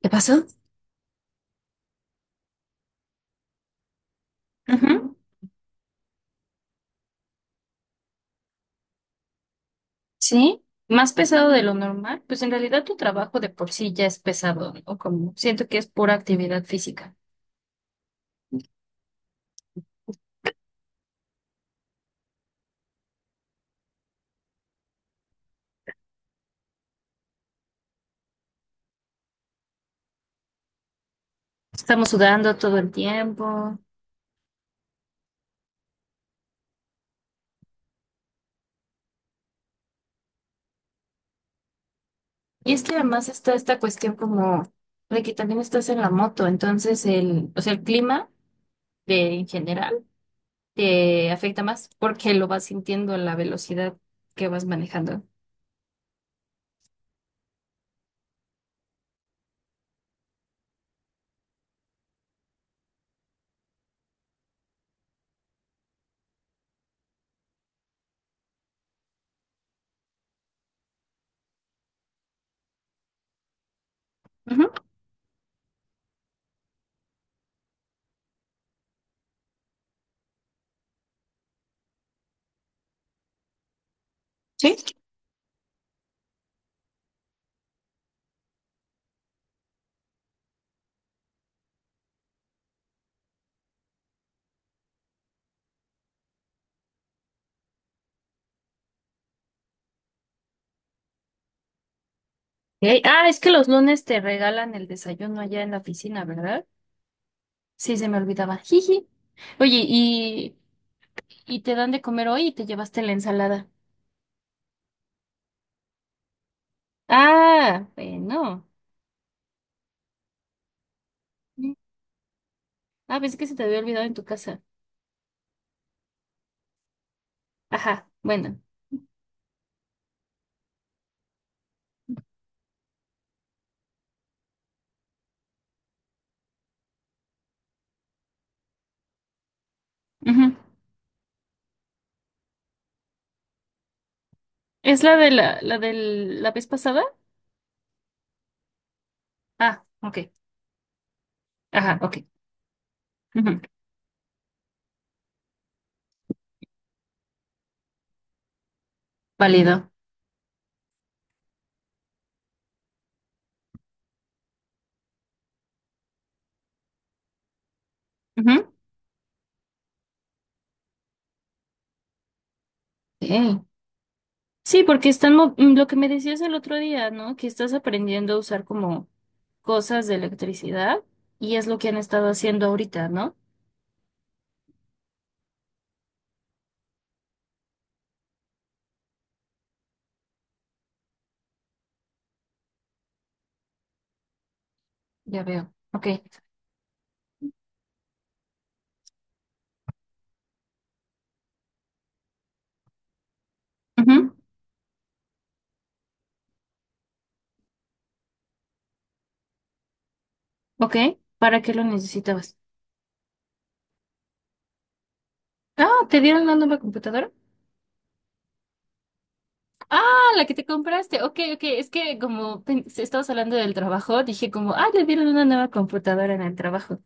¿Qué pasó? Ujú. Sí, más pesado de lo normal, pues en realidad tu trabajo de por sí ya es pesado, o como siento que es pura actividad física. Estamos sudando todo el tiempo. Y es que además está esta cuestión como de que también estás en la moto, entonces el, o sea, el clima de, en general te afecta más porque lo vas sintiendo en la velocidad que vas manejando. Ujú. Sí. Ok. Ah, es que los lunes te regalan el desayuno allá en la oficina, ¿verdad? Sí, se me olvidaba. Jiji. Oye, y te dan de comer hoy y te llevaste la ensalada? Ah, bueno. Mm. Ah, pensé que se te había olvidado en tu casa. Ajá, bueno. Ujú. ¿Es la de la de la vez pasada? Ah, ok. Ajá, ok. Ujú. Válido. Ujú. Sí. Sí, porque están, lo que me decías el otro día, ¿no? Que estás aprendiendo a usar como cosas de electricidad y es lo que han estado haciendo ahorita, ¿no? Ya veo. Ok. Ujú. Ok, ¿para qué lo necesitabas? Ah, ¿te dieron una nueva computadora? Ah, la que te compraste. Ok, ok. Es que como si estabas hablando del trabajo, dije como, ah, le dieron una nueva computadora en el trabajo.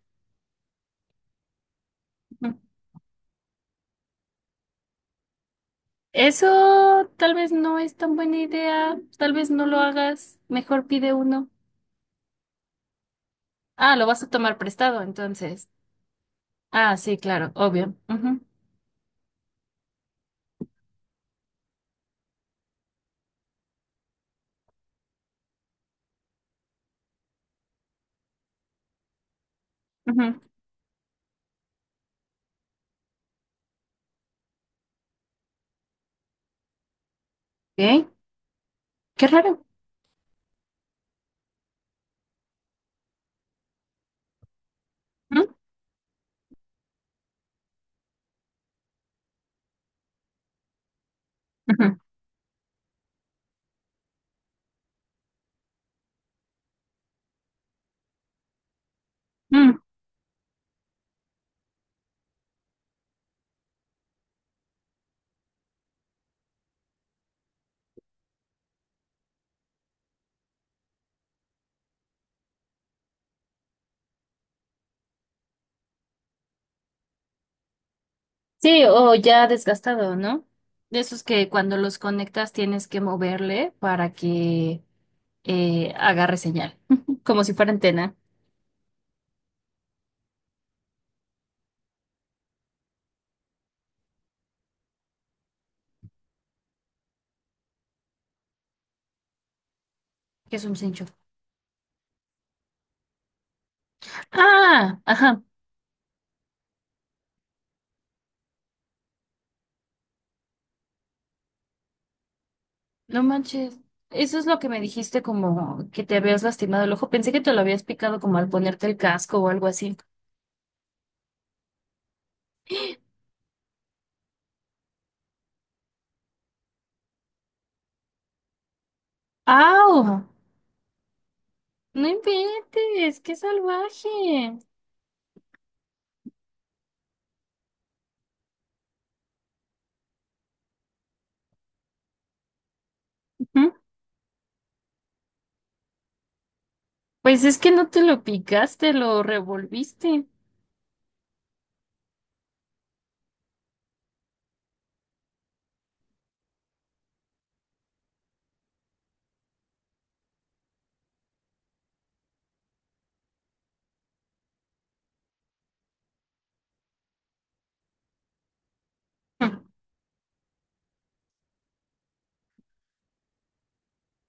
Ujú. Eso tal vez no es tan buena idea. Tal vez no lo hagas. Mejor pide uno. Ah, lo vas a tomar prestado, entonces. Ah, sí, claro, obvio. Ujú, ujú. Ok, qué raro. Ujú. Ujú. Mm. Sí, o ya desgastado, ¿no? De esos que cuando los conectas tienes que moverle para que agarre señal, como si fuera antena, que es un cincho. Ah, ajá, no manches. Eso es lo que me dijiste como que te habías lastimado el ojo. Pensé que te lo habías picado como al ponerte el casco o algo así. ¡Au! No inventes, qué salvaje. Ujú. Pues es que no te lo picaste, lo revolviste.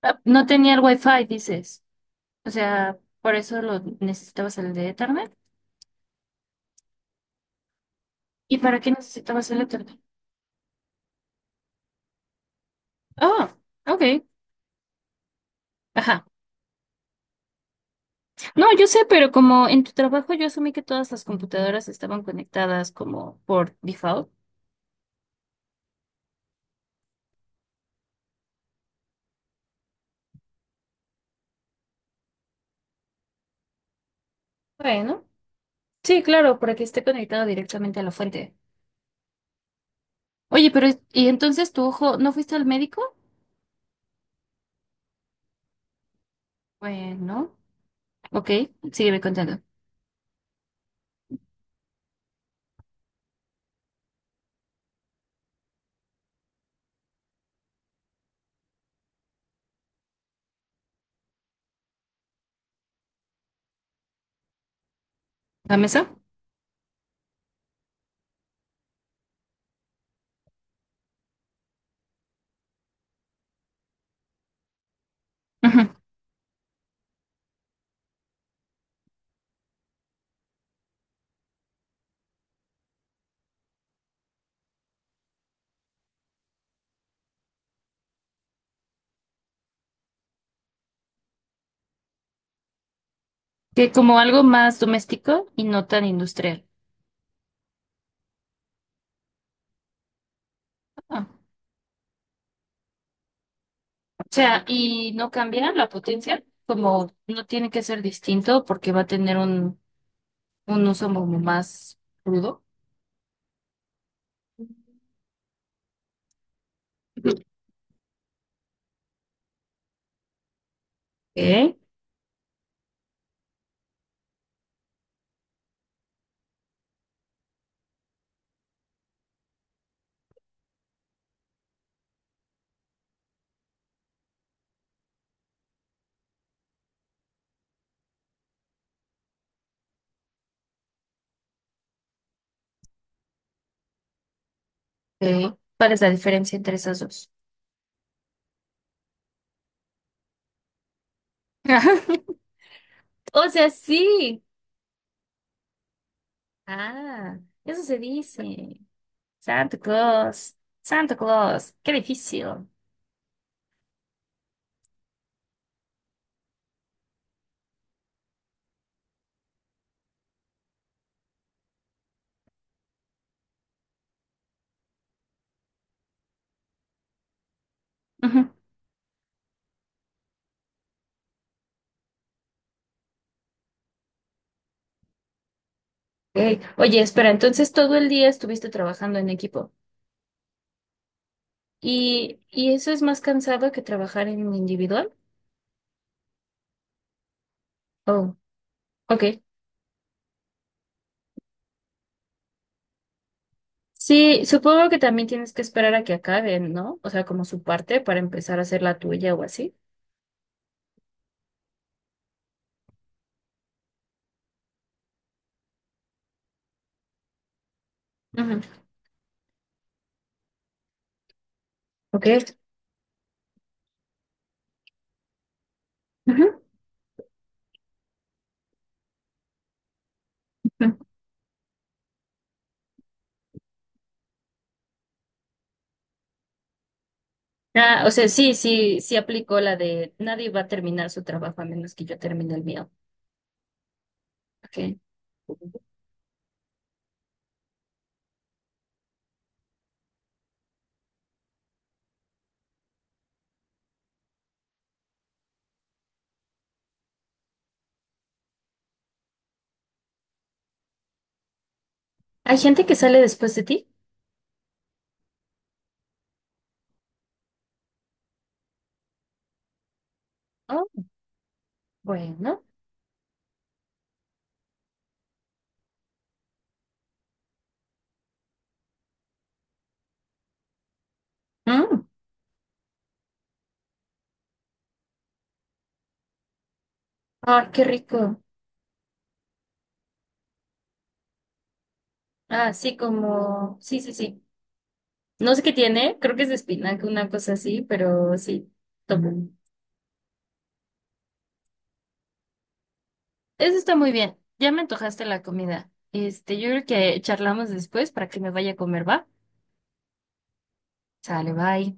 Ah, no tenía el wifi, dices. O sea, por eso lo necesitabas el de Ethernet. ¿Y para qué necesitabas el Ethernet? Oh, ok. Ajá. No, yo sé, pero como en tu trabajo yo asumí que todas las computadoras estaban conectadas como por default. Bueno, sí, claro, para que esté conectado directamente a la fuente. Oye, pero ¿y entonces tu ojo no fuiste al médico? Bueno, ok, sígueme contando. ¿La mesa? Ujú. Que como algo más doméstico y no tan industrial. O sea, y no cambia la potencia, como no tiene que ser distinto porque va a tener un uso como más crudo. ¿Eh? Ok. ¿Cuál es la diferencia entre esas dos? O sea, sí. Ah, eso se dice. Santa Claus. Santa Claus, qué difícil. Ujú. Ok. Oye, espera, entonces todo el día estuviste trabajando en equipo. Y eso es más cansado que trabajar en individual? Oh, ok. Sí, supongo que también tienes que esperar a que acaben, ¿no? O sea, como su parte para empezar a hacer la tuya o así. Ujú. Ok. Ujú. Ujú. Ah, o sea, sí, sí, sí aplicó la de nadie va a terminar su trabajo a menos que yo termine el mío. Ok. ¿Hay gente que sale después de ti? Oh, bueno. Mm. Ah, qué rico. Ah, sí, como, sí, sí, sí. No sé qué tiene, creo que es de espinaca, una cosa así, pero sí, tomo. Eso está muy bien. Ya me antojaste la comida. Este, yo creo que charlamos después para que me vaya a comer, ¿va? Sale, bye.